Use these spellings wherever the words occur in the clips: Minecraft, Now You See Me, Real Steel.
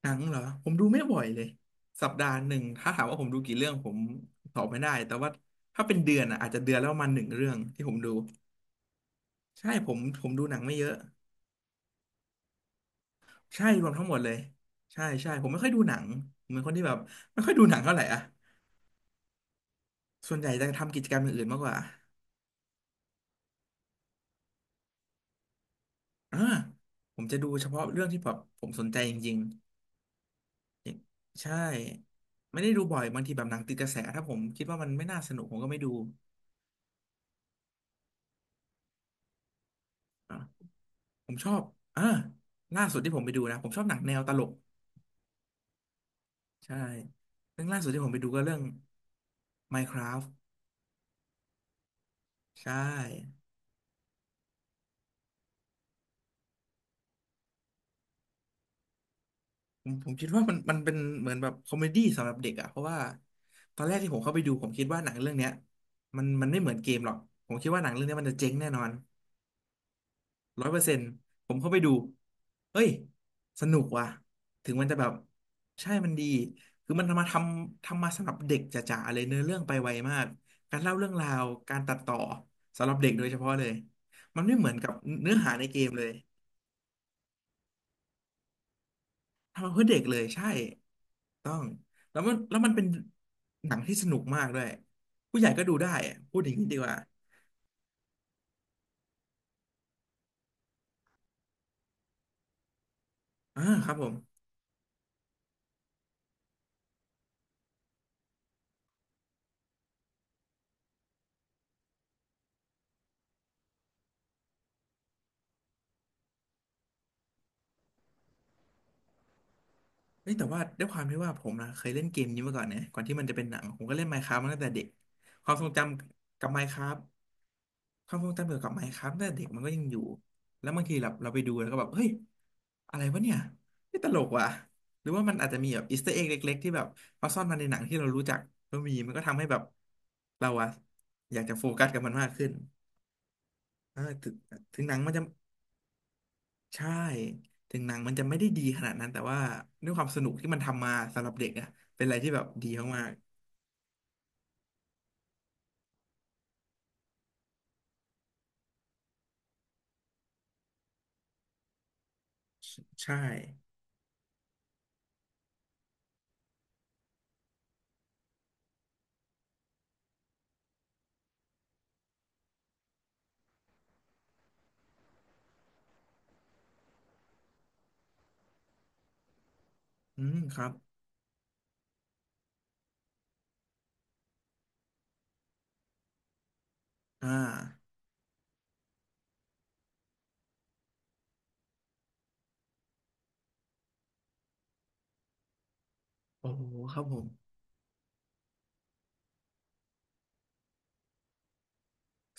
หนังเหรอผมดูไม่บ่อยเลยสัปดาห์หนึ่งถ้าถามว่าผมดูกี่เรื่องผมตอบไม่ได้แต่ว่าถ้าเป็นเดือนอ่ะอาจจะเดือนแล้วประมาณหนึ่งเรื่องที่ผมดูใช่ผมดูหนังไม่เยอะใช่รวมทั้งหมดเลยใช่ใช่ผมไม่ค่อยดูหนังผมเป็นคนที่แบบไม่ค่อยดูหนังเท่าไหร่อ่ะส่วนใหญ่จะทำกิจกรรมอย่างอื่นมากกว่าอ่าผมจะดูเฉพาะเรื่องที่แบบผมสนใจจริงๆอย่างใช่ไม่ได้ดูบ่อยบางทีแบบหนังติดกระแสถ้าผมคิดว่ามันไม่น่าสนุกผมก็ไม่ดู ผมชอบอ่าล่าสุดที่ผมไปดูนะ ผมชอบหนังแนวตลกใช่เรื่องล่าสุดที่ผมไปดูก็เรื่อง Minecraft ใช่ผมคิดว่ามันเป็นเหมือนแบบคอมเมดี้สำหรับเด็กอะเพราะว่าตอนแรกที่ผมเข้าไปดูผมคิดว่าหนังเรื่องเนี้ยมันไม่เหมือนเกมหรอกผมคิดว่าหนังเรื่องเนี้ยมันจะเจ๊งแน่นอน 100%ผมเข้าไปดูเฮ้ยสนุกว่ะ ถึงมันจะแบบใช่มันดี คือมันทำมาทำมาสำหรับเด็กจ๋าๆเลยเนื้อเรื่องไปไวมาก การเล่าเรื่องราว การตัดต่อสำหรับเด็กโดยเฉพาะเลย มันไม่เหมือนกับเนื้อหาในเกมเลยทำมาเพื่อเด็กเลยใช่ต้องแล้วมันเป็นหนังที่สนุกมากด้วยผู้ใหญ่ก็ดูได้อะพูดอย่างนี้ดีกว่าอ่าครับผม เฮ้ยแต่ว่าด้วยความที่ว่าผมนะเคยเล่นเกมนี้มาก่อนนะก่อนที่มันจะเป็นหนังผมก็เล่น Minecraft มน์คราฟตมาตั้งแต่เด็กความทรงจำกับ Minecraft คราฟต์ความทรงจำเกี่ยวกับ Minecraft ตั้งแต่เด็กมันก็ยังอยู่ แล้วบางทีแบบเราไปดูแล้วก็แบบเฮ้ยอะไรวะเนี่ยนี่ตลกว่ะหรือว่ามันอาจจะมีแบบอีสเตอร์เอ็กเล็กๆที่แบบเขาซ่อนมาในหนังที่เรารู้จักก็มีมันก็ทำให้แบบเราอะอยากจะโฟกัสกับมันมากขึ้นเออถึงหนังมันจะ ใช่ถึงหนังมันจะไม่ได้ดีขนาดนั้นแต่ว่าด้วยความสนุกที่มันทำมาสำหรับเด็กอะเป็นอะไรที่แบบดีมากๆใช่อืมครับอ่าโอ้โหครับผม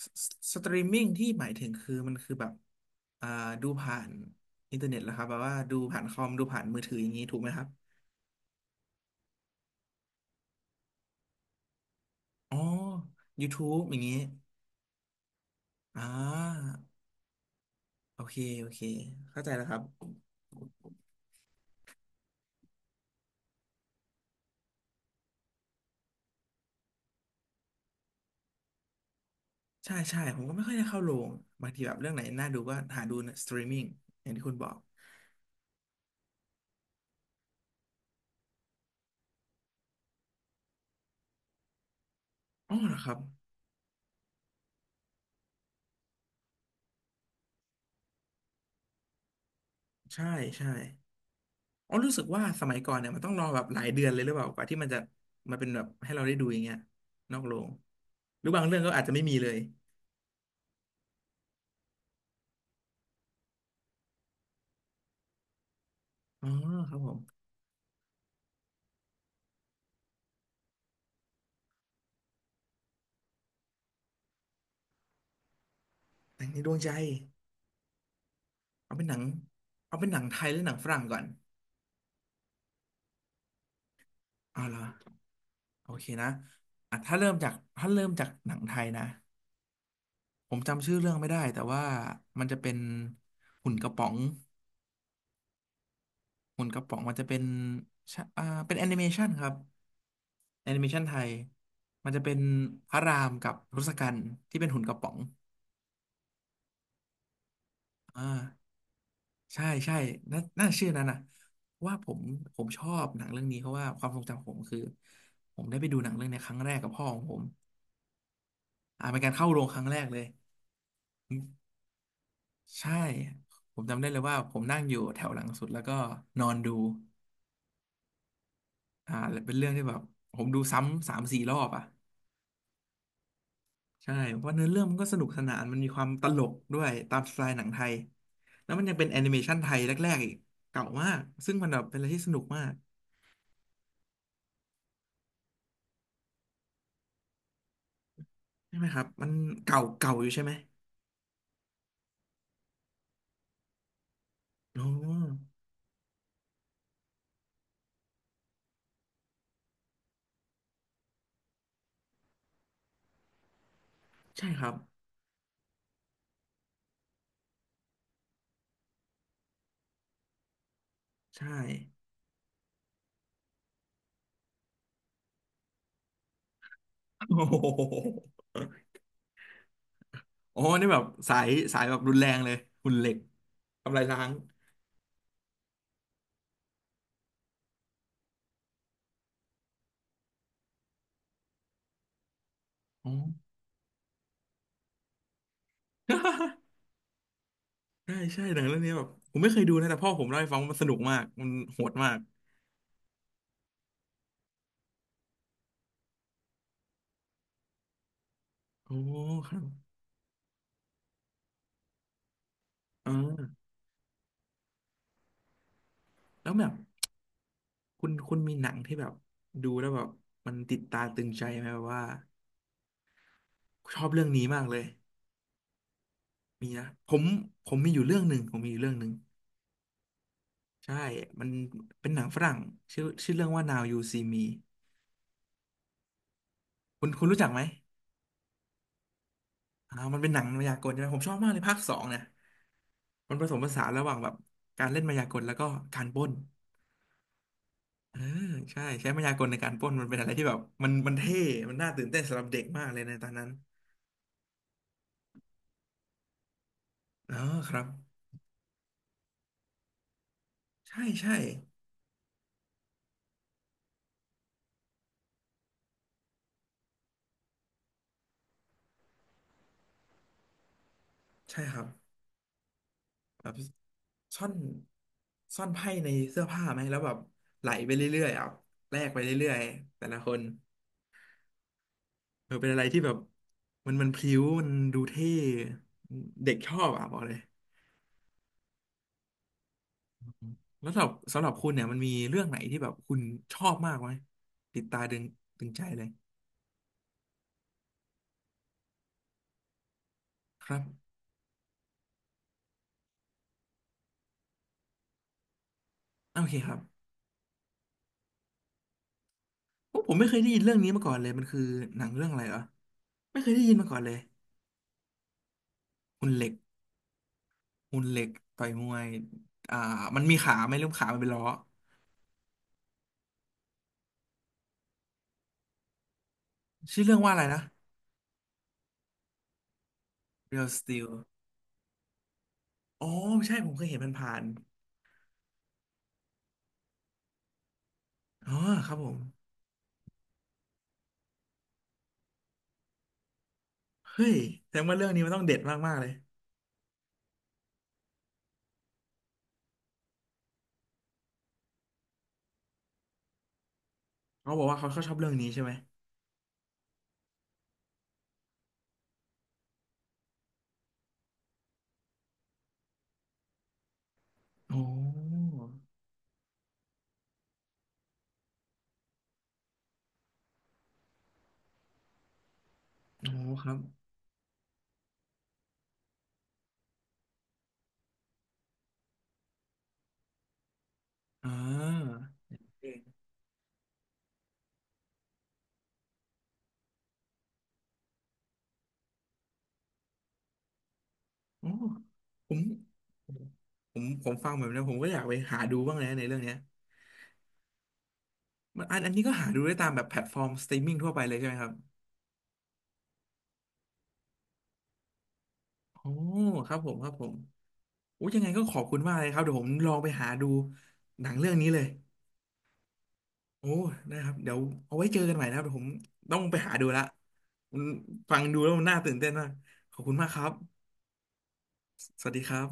สตรีมมิ่งที่หมายถึงคือมันคือแบบอ่าดูผ่านอินเทอร์เน็ตแล้วครับแบบว่าดูผ่านคอมดูผ่านมือถืออย่างนี้ถูกไหมครับอ๋อ YouTube อย่างนี้อ่าโอเคโอเคเข้าใจแล้วครับ ใช่ใช่ผมก็ไม่ค่อยได้เข้าโรงบางทีแบบเรื่องไหนน่าดูก็หาดูสตรีมมิ่งอย่างที่คุณบอกอ๋อเหรอครับใช่ใช่อ๋อรู้สึกว่าสมัยก่อนเนี่ยมันต้องรอแบบหลายเดือนเลยหรือเปล่ากว่าที่มันจะมาเป็นแบบให้เราได้ดูอย่างเงี้ยนอกโรงหรือบางเรื่องก็อาจจะไม่มีเลยอ๋อครับผมหนังในดวงใจเอาเป็นหนังเอาเป็นหนังไทยหรือหนังฝรั่งก่อนเอาเหรอโอเคนะอ่ะถ้าเริ่มจากหนังไทยนะผมจำชื่อเรื่องไม่ได้แต่ว่ามันจะเป็นหุ่นกระป๋อง หุ่นกระป๋องมันจะเป็นชะอ่าเป็นแอนิเมชันครับแอนิเมชันไทยมันจะเป็นพระรามกับทศกัณฐ์ที่เป็นหุ่นกระป๋องอ่าใช่ใช่น่าชื่อนั้นนะว่าผมผมชอบหนังเรื่องนี้เพราะว่าความทรงจำของผมคือผมได้ไปดูหนังเรื่องเนี้ยครั้งแรกกับพ่อของผมอ่าเป็นการเข้าโรงครั้งแรกเลยใช่ผมจำได้เลยว่าผมนั่งอยู่แถวหลังสุดแล้วก็นอนดูอ่าเป็นเรื่องที่แบบผมดูซ้ำ3-4 รอบอ่ะ ใช่เพราะเนื้อเรื่องมันก็สนุกสนานมันมีความตลกด้วยตามสไตล์หนังไทยแล้วมันยังเป็นแอนิเมชันไทยแรกๆอีกเก่ามากซึ่งมันแบบเป็นอะไรที่สนุกมากใช่ไหมครับมันเก่าเก่าอยู่ใช่ไหมอ๋อใช่ครับใช่ โอ้โหโอ้นี่แบบสายสายแบบรุนแรงเลยหุ่นเหล็กทำลายล้างอ๋อ ใช่ใช่หนังเรื่องนี้แบบผมไม่เคยดูนะแต่พ่อผมเล่าให้ฟังว่ามันสนุกมากมันโหดมากโอ้ครับอ่าแล้วแบบ คุณมีหนังที่แบบดูแล้วแบบมันติดตาตึงใจไหมแบบว่าชอบเรื่องนี้มากเลยมีนะผมผมมีอยู่เรื่องหนึ่งผมมีอยู่เรื่องหนึ่งใช่ มันเป็นหนังฝรั่งชื่อเรื่องว่า Now You See Me คุณรู้จักไหมมันเป็นหนังมายากลใช่ไหมผมชอบมากเลยภาคสองเนี่ยมันผสมผสานระหว่างแบบการเล่นมายากลแล้วก็การปล้นเออใช่ใช้มายากลในการปล้นมันเป็นอะไรที่แบบมันเท่มันน่าตื่นเต้นสำหรับเด็กมากเลยในตอนนั้นอ๋อครับใช่ใช่ใช่ครับ แบบซ่อนซ่อนไพ่ในเสื้อผ้าไหมแล้วแบบไหลไปเรื่อยๆอ่ะแลกไปเรื่อยๆแต่ละคนเออเป็นอะไรที่แบบมันพลิ้วมันดูเท่เด็กชอบอ่ะบอกเลยแล้วสำหรับคุณเนี่ยมันมีเรื่องไหนที่แบบคุณชอบมากไหมติดตาดึงดึงใจเลยครับโอเคครับโอ้ผมไม่เคยได้ยินเรื่องนี้มาก่อนเลยมันคือหนังเรื่องอะไรเหรอไม่เคยได้ยินมาก่อนเลยหุ่นเหล็กหุ่นเหล็กต่อยมวยอ่ามันมีขาไหมหรือขามันเป็นล้อ ชื่อเรื่องว่าอะไรนะ Real Steel อ๋อใช่ผมเคยเห็นมันผ่านๆอ๋อครับผมเฮ้ยแสดงว่าเรื่องนี้มันต้องเด็ดมากๆเลยเขาบอกว่าเขาชอบเรื่องนี้ใช่ไหมโอ้โอ้ครับอ่าเก่งโอ้ผมผมฟังแบบนี้ผมก็อยากไปหาดูบ้างนะในเรื่องเนี้ยมันอันนี้ก็หาดูได้ตามแบบแพลตฟอร์มสตรีมมิ่งทั่วไปเลยใช่ไหมครับโอ้ครับผมครับผมโอ้ยังไงก็ขอบคุณมากเลยครับเดี๋ยวผมลองไปหาดูหนังเรื่องนี้เลย โอ้ ได้ครับ เดี๋ยวเอาไว้เจอกันใหม่นะครับเดี๋ยวผมต้องไปหาดูละมันฟังดูแล้วมันน่าตื่นเต้นมาก ขอบคุณมากครับ สวัสดีครับ